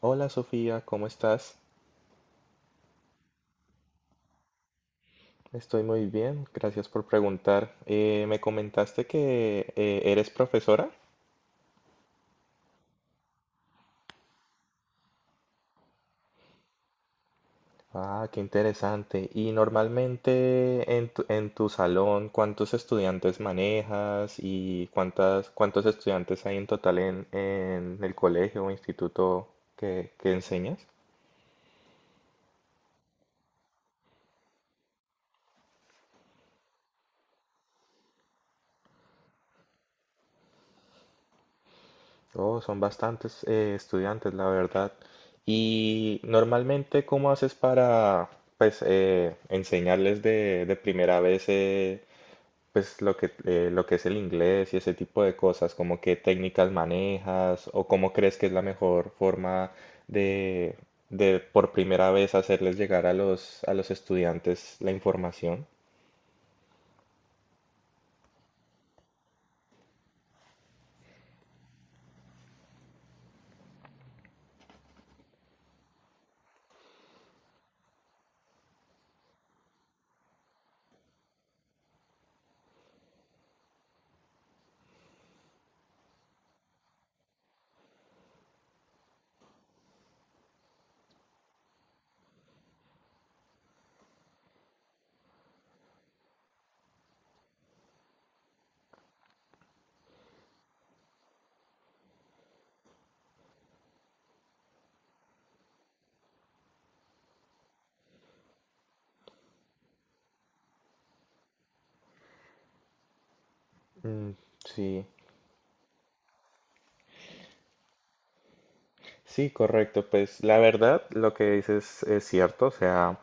Hola Sofía, ¿cómo estás? Estoy muy bien, gracias por preguntar. Me comentaste que eres profesora. Ah, qué interesante. Y normalmente en tu salón, ¿cuántos estudiantes manejas y cuántos estudiantes hay en total en el colegio o instituto que enseñas? Oh, son bastantes estudiantes, la verdad. Y normalmente, ¿cómo haces para, pues, enseñarles de primera vez, pues, lo que es el inglés y ese tipo de cosas? ¿Como qué técnicas manejas o cómo crees que es la mejor forma de, de por primera vez hacerles llegar a los estudiantes la información? Mm, sí. Sí, correcto. Pues la verdad, lo que dices es cierto. O sea,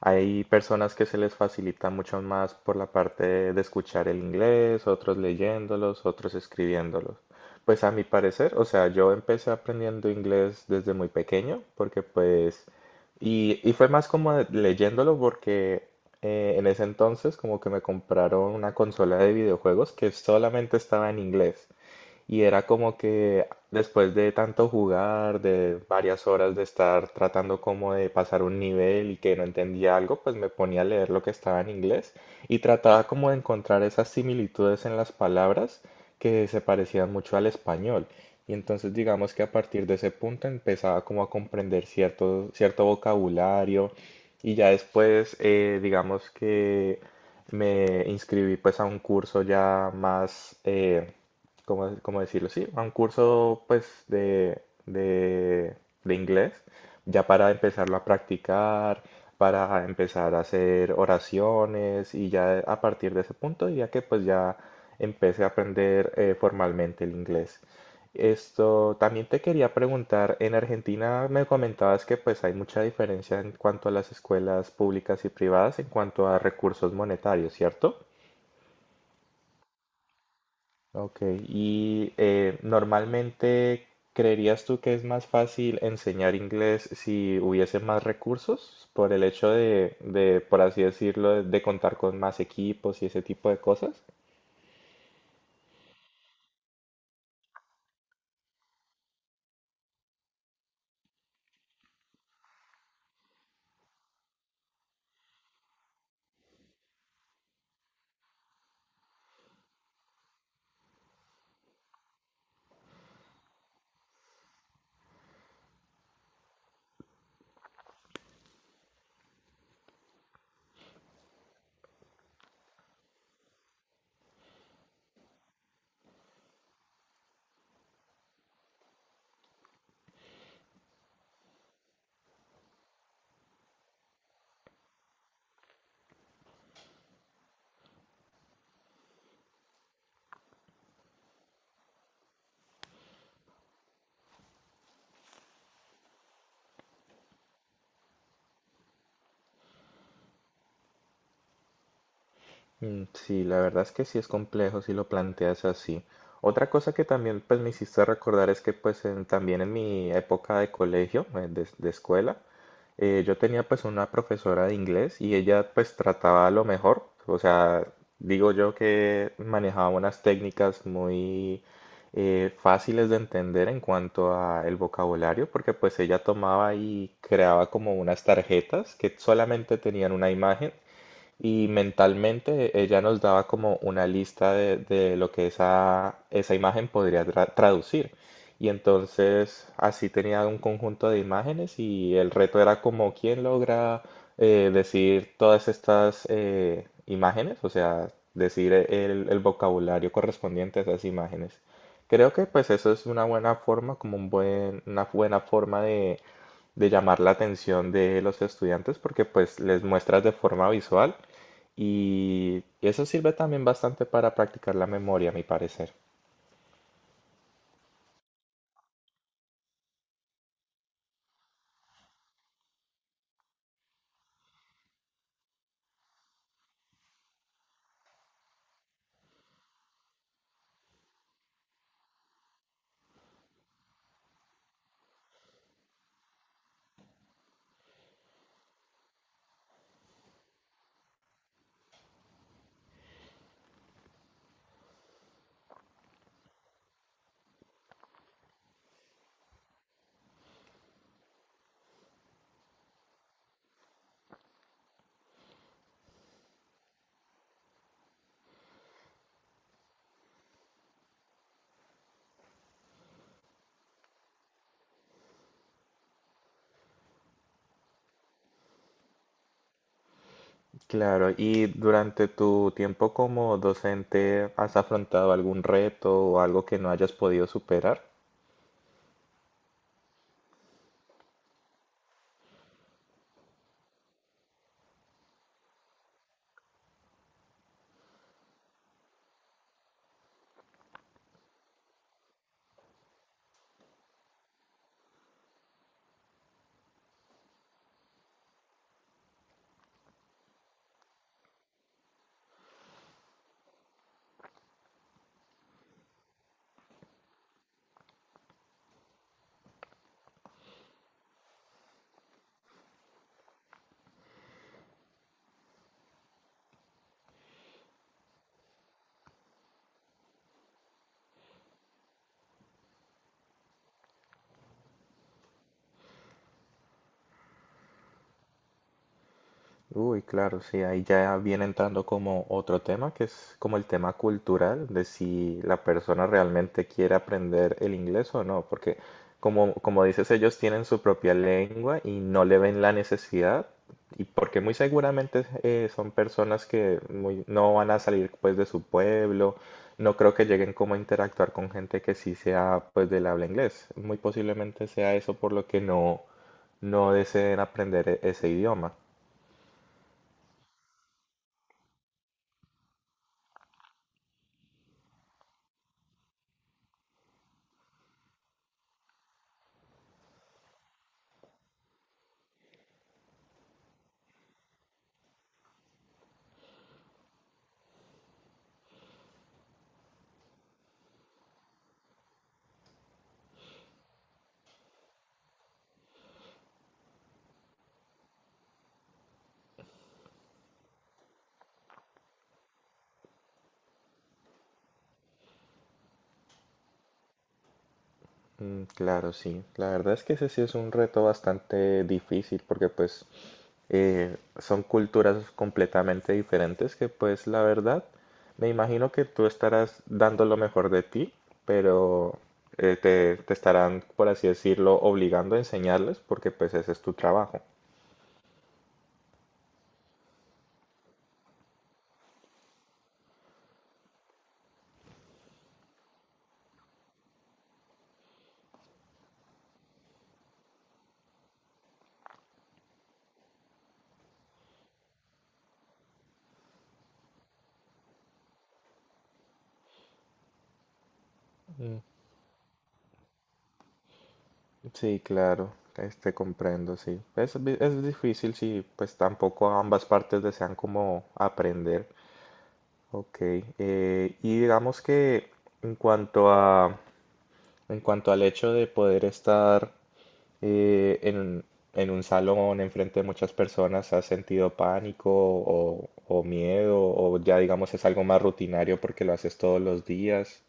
hay personas que se les facilita mucho más por la parte de escuchar el inglés, otros leyéndolos, otros escribiéndolos. Pues a mi parecer, o sea, yo empecé aprendiendo inglés desde muy pequeño, porque pues, y fue más como de- leyéndolo porque en ese entonces como que me compraron una consola de videojuegos que solamente estaba en inglés. Y era como que después de tanto jugar, de varias horas de estar tratando como de pasar un nivel y que no entendía algo, pues me ponía a leer lo que estaba en inglés y trataba como de encontrar esas similitudes en las palabras que se parecían mucho al español. Y entonces digamos que a partir de ese punto empezaba como a comprender cierto vocabulario y ya después digamos que me inscribí pues a un curso ya más... ¿cómo, cómo decirlo? Sí, a un curso pues de inglés, ya para empezarlo a practicar, para empezar a hacer oraciones y ya a partir de ese punto, ya que pues ya empecé a aprender formalmente el inglés. Esto también te quería preguntar, en Argentina me comentabas que pues hay mucha diferencia en cuanto a las escuelas públicas y privadas en cuanto a recursos monetarios, ¿cierto? Ok, y normalmente, ¿creerías tú que es más fácil enseñar inglés si hubiese más recursos por el hecho de, por así decirlo, de contar con más equipos y ese tipo de cosas? Mm, sí, la verdad es que sí es complejo si lo planteas así. Otra cosa que también pues me hiciste recordar es que pues en- también en mi época de colegio, de escuela, yo tenía pues una profesora de inglés y ella pues trataba lo mejor, o sea, digo yo que manejaba unas técnicas muy fáciles de entender en cuanto a el vocabulario, porque pues ella tomaba y creaba como unas tarjetas que solamente tenían una imagen y mentalmente ella nos daba como una lista de lo que esa imagen podría tra- traducir. Y entonces así tenía un conjunto de imágenes y el reto era como quién logra decir todas estas imágenes, o sea, decir el vocabulario correspondiente a esas imágenes. Creo que pues eso es una buena forma, como un buen, una buena forma de llamar la atención de los estudiantes porque pues les muestras de forma visual y eso sirve también bastante para practicar la memoria, a mi parecer. Claro, y durante tu tiempo como docente, ¿has afrontado algún reto o algo que no hayas podido superar? Uy, claro, sí, ahí ya viene entrando como otro tema, que es como el tema cultural, de si la persona realmente quiere aprender el inglés o no, porque como, como dices, ellos tienen su propia lengua y no le ven la necesidad, y porque muy seguramente son personas que muy- no van a salir pues de su pueblo, no creo que lleguen como a interactuar con gente que sí sea pues del habla inglés, muy posiblemente sea eso por lo que no, no deseen aprender e- ese idioma. Mm, claro, sí. La verdad es que ese sí es un reto bastante difícil porque pues son culturas completamente diferentes que pues la verdad me imagino que tú estarás dando lo mejor de ti, pero te, te estarán, por así decirlo, obligando a enseñarles porque pues ese es tu trabajo. Mm. Sí, claro, este comprendo, sí. Es, vi- es difícil si pues tampoco ambas partes desean como aprender. Ok, y digamos que en cuanto a, en cuanto al hecho de poder estar eh, en, en un salón enfrente de muchas personas, ¿has sentido pánico o miedo? O ya digamos es algo más rutinario porque lo haces todos los días.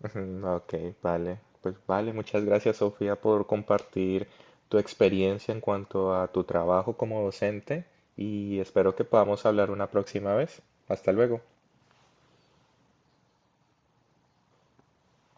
Ujú, ok, vale. Pues vale, muchas gracias Sofía por compartir tu experiencia en cuanto a tu trabajo como docente y espero que podamos hablar una próxima vez. Hasta luego.